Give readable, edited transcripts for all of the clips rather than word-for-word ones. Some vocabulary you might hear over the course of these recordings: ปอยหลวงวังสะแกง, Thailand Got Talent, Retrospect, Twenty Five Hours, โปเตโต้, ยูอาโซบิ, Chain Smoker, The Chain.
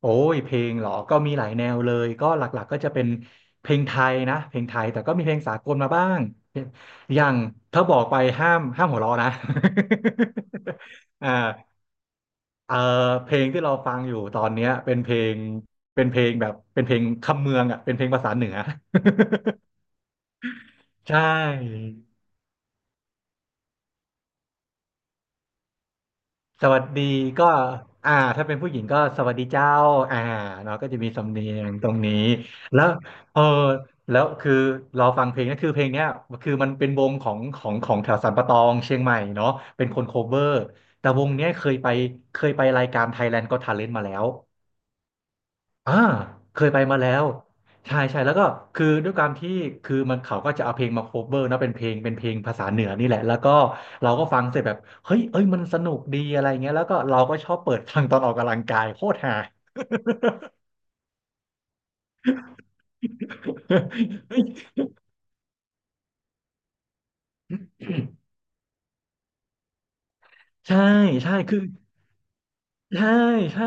โอ้ยเพลงเหรอก็มีหลายแนวเลย ก็หลักๆก็จะเป็นเพลงไทยนะเพลงไทยแต่ก็มีเพลงสากลมาบ้างอย่างถ้าบอกไปห้ามหัวเราะนะ อ่าเออเพลงที่เราฟังอยู่ตอนเนี้ยเป็นเพลงเป็นเพลงแบบเป็นเพลงคำเมืองอ่ะเป็นเพลงภาษาเหนือ ใช่ สวัสดีก็อ่าถ้าเป็นผู้หญิงก็สวัสดีเจ้าอ่าเนาะก็จะมีสำเนียงตรงนี้แล้วเออแล้วคือเราฟังเพลงนะคือเพลงเนี้ยคือมันเป็นวงของแถวสันปะตองเชียงใหม่เนาะเป็นคนโคเวอร์แต่วงเนี้ยเคยไปรายการ Thailand Got Talent มาแล้ว อ่าเคยไปมาแล้วใช่ใช่แล้วก็คือด้วยความที่คือมันเขาก็จะเอาเพลงมาโคเวอร์นะเป็นเพลงภาษาเหนือนี่แหละแล้วก็เราก็ฟังเสร็จแบบเฮ้ยเอ้ยมันสนุกดีอะไรเงี้ยแล้วก็เราก็ชอบเปิดฟังตอนออกกำลังกายโคตรฮา เฮ้ยใช่ใช่คือ ใช่ใช่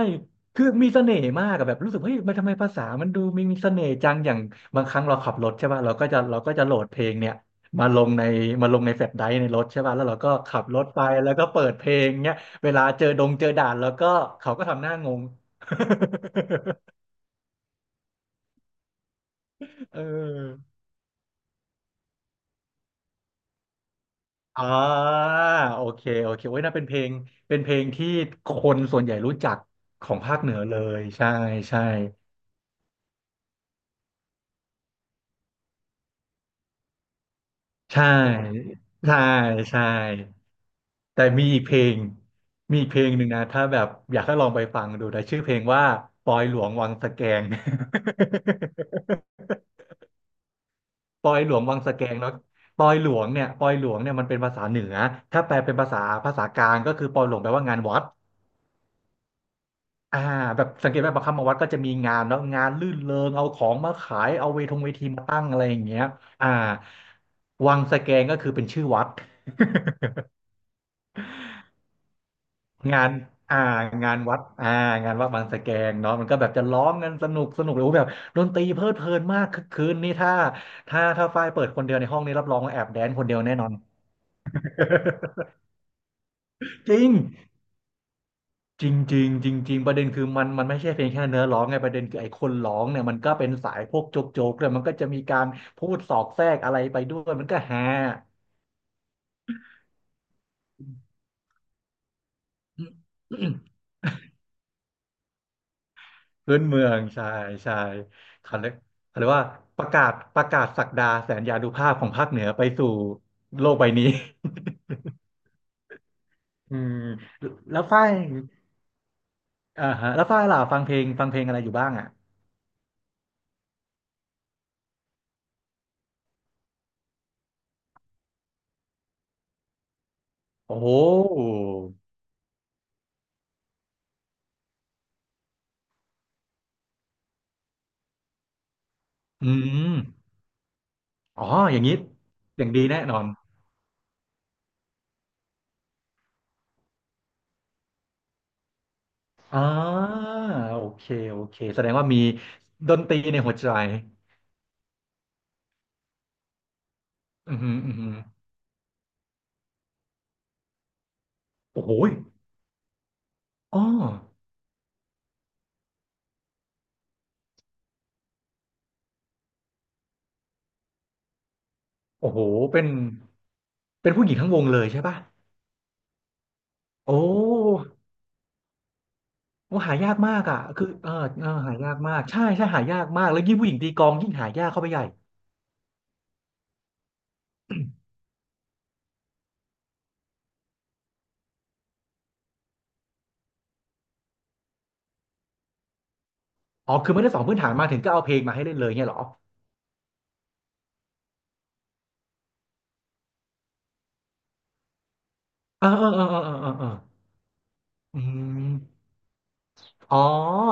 คือมีเสน่ห์มากอะแบบรู้สึกเฮ้ยมันทำไมภาษามันดูมีมีเสน่ห์จังอย่างบางครั้งเราขับรถใช่ป่ะเราก็จะโหลดเพลงเนี่ยมาลงในมาลงในแฟลชไดรฟ์ในรถใช่ป่ะแล้วเราก็ขับรถไปแล้วก็เปิดเพลงเนี่ยเวลาเจอดงเจอด่านแล้วก็เขาก็ทำหน้างง เอออ่าโอเคโอเคโอ้ยน่าเป็นเพลงที่คนส่วนใหญ่รู้จักของภาคเหนือเลยใช่ใช่ใช่ใช่ใช่ แต่มีอีกเพลงหนึ่งนะถ้าแบบอยากให้ลองไปฟังดูนะชื่อเพลงว่าปอยหลวงวังสะแกง ปอยหลวงวังสะแกงเนาะปอยหลวงเนี่ยปอยหลวงเนี่ยมันเป็นภาษาเหนือถ้าแปลเป็นภาษากลางก็คือปอยหลวงแปลว่างานวัดอ่าแบบสังเกตไหมบางคำมางวัดก็จะมีงานเนาะงานลื่นเริงเอาของมาขายเอาเวทงเวทีมาตั้งอะไรอย่างเงี้ยอ่าวังสะแกงก็คือเป็นชื่อวัด งานอ่างานวัดอ่างานวัดบางสะแกงเนาะมันก็แบบจะร้องกันสนุกสนุกเลยโอ้โหแบบดนตรีเพลิดเพลินมากคึกคืนนี่ถ้าฝ้ายเปิดคนเดียวในห้องนี้รับรองว่าแอบแดนคนเดียวแน่นอน จริงจริงจริงจริงจริงประเด็นคือมันไม่ใช่เพียงแค่เนื้อร้องไงประเด็นคือไอ้คนร้องเนี่ยมันก็เป็นสายพวกโจ๊กโจ๊กเลยมันก็จะมีการพูดสอดแทรกอะไรไปด้วยมันก็ฮา พื้นเมืองใช่ใช่เขาเรียกเขาเรียกว่าประกาศศักดาแสนยานุภาพของภาคเหนือไปสู่โลกใบนี้อืมแล้วฝ้ายอ่าฮะแล้วฝ้ายล่ะฟังเพลงอะไรอยู่บ้างอ่ะโอ้โหอืมอ๋ออย่างนี้อย่างดีแน่นอนอ่าโอเคโอเคแสดงว่ามีดนตรีในหัวใจอืมอหืมออือหือโอ้โหยอ๋อโอ้โหเป็นเป็นผู้หญิงทั้งวงเลยใช่ป่ะโอ้ โอ้หายากมากอ่ะคือเออเออหายากมากใช่ใช่หายากมาก แล้วยิ่งผู้หญิงตีกลองยิ่งหายากเข้าไปใหญ่อ๋อคือไม่ได้สอนพื้นฐานมาถึงก็เอาเพลงมาให้เล่นเลยเนี่ยเหรอเออเออเออเออเออเอออืมอ๋อ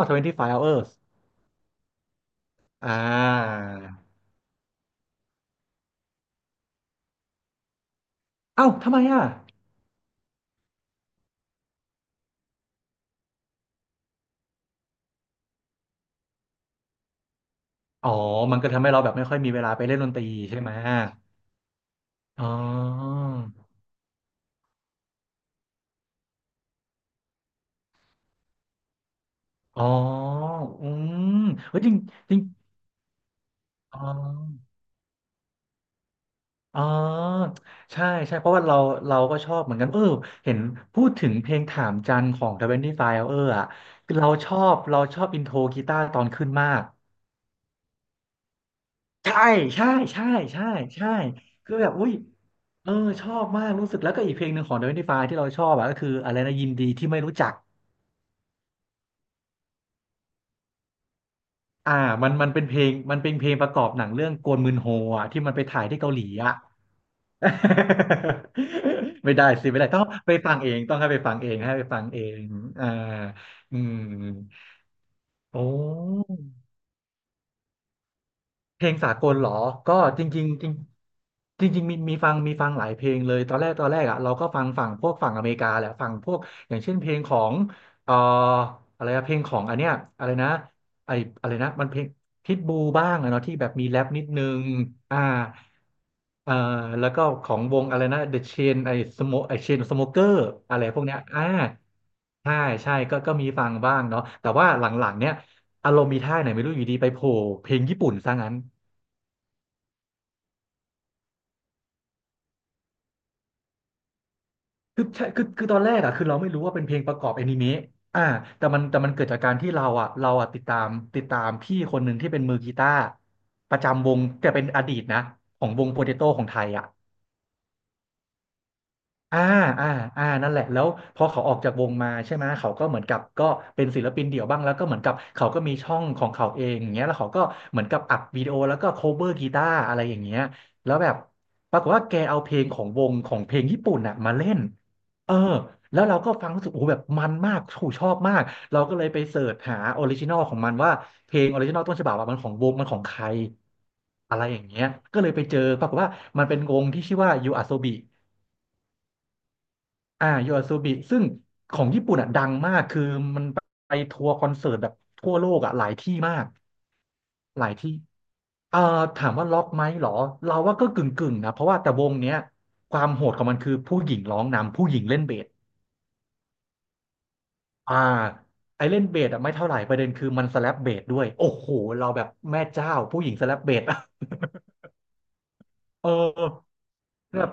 25 Hours อ่าเอ้าทำไมอ่ะ อ๋อมันก็ทำให้เราแบบไม่ค่อยมีเวลาไปเล่นดนตรีใช่ไหม อ๋อ อ๋ออืมเฮ้ยจริงจริงอ๋อ อ๋อใช่ใช่เพราะว่าเราเราก็ชอบเหมือนกันเออเห็นพูดถึงเพลงถามจันของทเวนตี้ไฟเอออ่ะคือเราชอบเราชอบอินโทรกีตาร์ตอนขึ้นมากใช่ใช่ใช่ใช่ใช่คือแบบอุ้ยเออชอบมากรู้สึกแล้วก็อีกเพลงหนึ่งของทเวนตี้ไฟว์ที่เราชอบอ่ะก็คืออะไรนะยินดีที่ไม่รู้จักอ่ามันเป็นเพลงมันเป็นเพลงประกอบหนังเรื่องโกลมืนโฮอ่ะที่มันไปถ่ายที่เกาหลีอ่ะ ไม่ได้สิไม่ได้ต้องไปฟังเองต้องให้ไปฟังเองให้ไปฟังเองอ่าอืมโอ้ เพลงสากลเหรอ ก็จริงๆจริงจริงๆมีฟังหลายเพลงเลย ตอนแรกอ่ะเราก็ฟังฝั่งพวกฝั่งอเมริกาแหละฝั่งพวกอย่างเช่นเพลงของเอ่ออะไรอะเพลงของอันเนี้ยอะไรนะไออะไรนะมันเพลงพิทบูบ้างอะเนาะที่แบบมีแรปนิดนึงอ่าเอ่อแล้วก็ของวงอะไรนะ The Chain ไอสโมไอ Chain Smoker อะไรพวกเนี้ยอ่าใช่ใช่ก็มีฟังบ้างเนาะแต่ว่าหลังๆเนี้ยอารมณ์มีท่าไหนไม่รู้อยู่ดีไปโผล่เพลงญี่ปุ่นซะงั้น คือใช่คือตอนแรกอ่ะคือเราไม่รู้ว่าเป็นเพลงประกอบแอนิเมะอ่าแต่มันเกิดจากการที่เราอ่ะติดตามติดตามพี่คนหนึ่งที่เป็นมือกีตาร์ประจำวงแต่เป็นอดีตนะของวงโปเตโต้ของไทยอ่ะ อ่าอ่าอ่านั่นแหละแล้วพอเขาออกจากวงมาใช่ไหมเขาก็เหมือนกับก็เป็นศิลปินเดี่ยวบ้างแล้วก็เหมือนกับเขาก็มีช่องของเขาเองอย่างเงี้ยแล้วเขาก็เหมือนกับอัดวิดีโอแล้วก็โคเวอร์กีตาร์อะไรอย่างเงี้ยแล้วแบบปรากฏว่าแกเอาเพลงของวงของเพลงญี่ปุ่นน่ะมาเล่นเออแล้วเราก็ฟังรู้สึกโอ้โหแบบมันมากถูชอบมากเราก็เลยไปเสิร์ชหาออริจินอลของมันว่าเพลงออริจินอลต้นฉบับอะมันของวงมันของใครอะไรอย่างเงี้ยก็เลยไปเจอปรากฏว่ามันเป็นวงที่ชื่อว่ายูอาโซบิ อ่าโยอาซูบิซึ่งของญี่ปุ่นอ่ะดังมากคือมันไปทัวร์คอนเสิร์ตแบบทั่วโลกอ่ะหลายที่มากหลายที่เอ่อถามว่าล็อกไหมเหรอเราว่าก็กึ่งนะเพราะว่าแต่วงเนี้ยความโหดของมันคือผู้หญิงร้องนำผู้หญิงเล่นเบสอ่าไอเล่นเบสอ่ะไม่เท่าไหร่ประเด็นคือมันสแลปเบสด้วยโอ้โหเราแบบแม่เจ้าผู้หญิงสแลปเบส เออ แบบ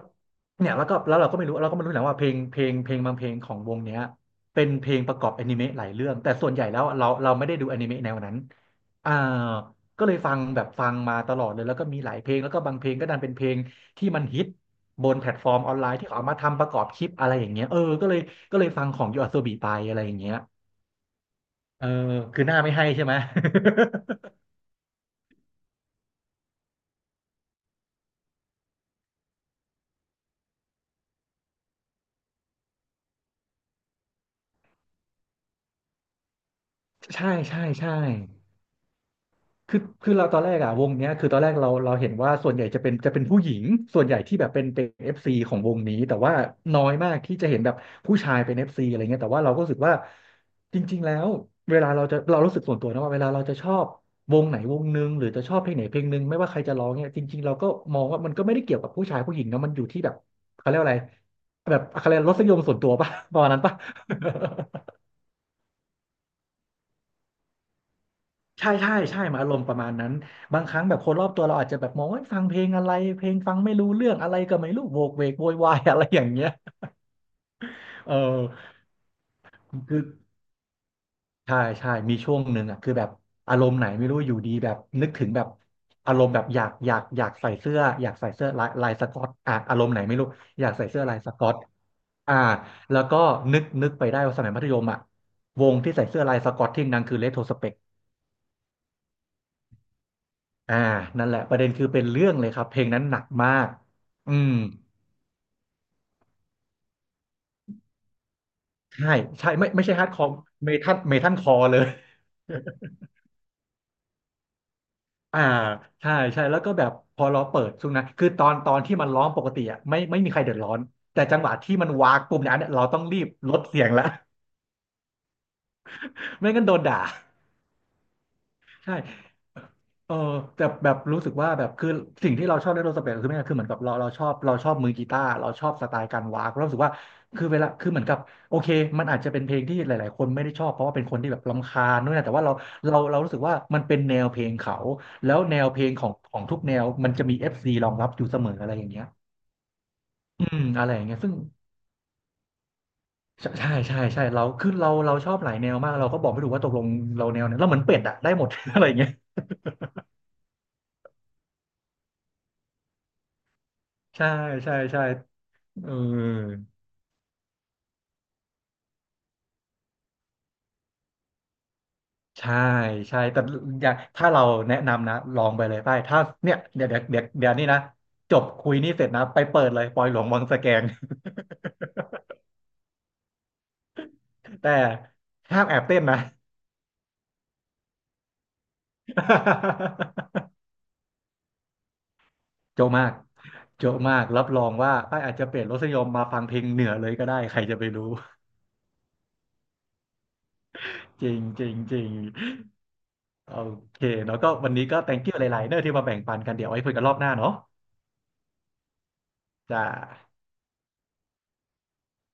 เนี่ยแล้วก็แล้วเราก็ไม่รู้เราก็ไม่รู้นะว่าเพลงบางเพลงของวงเนี้ยเป็นเพลงประกอบอนิเมะหลายเรื่องแต่ส่วนใหญ่แล้วเราไม่ได้ดูอนิเมะแนวนั้นอ่าก็เลยฟังแบบฟังมาตลอดเลยแล้วก็มีหลายเพลงแล้วก็บางเพลงก็ดันเป็นเพลงที่มันฮิตบนแพลตฟอร์มออนไลน์ที่เขาเอามาทำประกอบคลิปอะไรอย่างเงี้ยเออก็เลยก็เลยฟังของยูอาโซบิไปอะไรอย่างเงี้ยเออคือหน้าไม่ให้ใช่ไหม ใช่ใช่ใช่ คือเราตอนแรกอะวงเนี้ยคือตอนแรกเราเห็นว่าส่วนใหญ่จะเป็นจะเป็นผู้หญิงส่วนใหญ่ที่แบบเป็นเอฟซีของวงนี้แต่ว่าน้อยมากที่จะเห็นแบบผู้ชายเป็นเอฟซีอะไรเงี้ยแต่ว่าเราก็รู้สึกว่าจริงๆแล้วเวลาเราจะเรารู้สึกส่วนตัวนะว่าเวลาเราจะชอบวงไหนวงหนึ่งหรือจะชอบเพลงไหนเพลงหนึ่งไม่ว่าใครจะร้องเนี่ยจริงๆเราก็มองว่ามันก็ไม่ได้เกี่ยวกับผู้ชายผู้หญิงนะมันอยู่ที่แบบเขาเรียกว่าอะไรแบบอะไรยกว่ารสนิยมส่วนตัวป่ะ ประมาณนั้นป่ะ ใช่ใช่ใช่มาอารมณ์ประมาณนั้นบางครั้งแบบคนรอบตัวเราอาจจะแบบมองว่าฟังเพลงอะไรเพลงฟังไม่รู้เรื่องอะไรก็ไม่รู้โวกเวกโวยวายอะไรอย่างเงี้ยเออคือใช่ใช่มีช่วงหนึ่งอ่ะคือแบบอารมณ์ไหนไม่รู้อยู่ดีแบบนึกถึงแบบอารมณ์แบบอยากใส่เสื้ออยากใส่เสื้อลายสก๊อตอ่ะอารมณ์ไหนไม่รู้อยากใส่เสื้อลายสก๊อตอ่าแล้วก็นึกไปได้ว่าสมัยมัธยมอ่ะวงที่ใส่เสื้อลายสก๊อตที่ดังคือเรโทรสเปก อ่านั่นแหละ ประเด็นคือเป็นเรื่องเลยครับ เพลงนั้นหนักมากอืมใช่ใช่ไม่ใช่ฮาร์ดคอร์เมทัลคอร์เลย อ่าใช่ใช่ แล้วก็แบบพอเราเปิดช่วงนั้นคือตอนที่มันร้องปกติอ่ะไม่มีใครเดือดร้อน แต่จังหวะที่มันวากปุ่มเนี่ยอันเนี้ยเราต้องรีบลดเสียงละ ไม่งั้นโดนด่า ใช่เออแต่แบบรู้สึกว่าแบบคือสิ่งที่เราชอบในโรสเปซคือไม่คือเหมือนกับเราชอบเราชอบมือกีตาร์เราชอบสไตล์การวากเรารู้สึกว่าคือเวลาคือเหมือนกับโอเคมันอาจจะเป็นเพลงที่หลายๆคนไม่ได้ชอบเพราะว่าเป็นคนที่แบบรำคาญนู่นนะแต่ว่าเรารู้สึกว่ามันเป็นแนวเพลงเขาแล้วแนวเพลงของทุกแนวมันจะมีเอฟซีรองรับอยู่เสมออะไรอย่างเงี้ยอืมอะไรอย่างเงี้ยซึ่งใช่ใช่ใช่ใช่เราคือเราชอบหลายแนวมากเราก็บอกไม่ถูกว่าตกลงเราแนวไหนเราเหมือนเป็ดอะได้หมด อะไรอย่างเงี้ยใช่ใช่ใช่ เออใช่ใช่แต่อย่าถ้าเราแนะนำนะลองไปเลยไปถ้าเนี่ยเดี๋ยวนี่นะจบคุยนี่เสร็จนะไปเปิดเลยปอยหลวงวังสแกง แต่ห้ามแอบเต้นนะ โจ๊ะมากโจ๊ะมากรับรองว่าป้ายอาจจะเปลี่ยนรสนิยมมาฟังเพลงเหนือเลยก็ได้ใครจะไปรู้ จริงจริงจริงโอเคแล้วก็วันนี้ก็ thank you หลายๆเนอะที่มาแบ่งปันกันเดี๋ยวไว้คุยกันรอบหน้าเนาะจ้า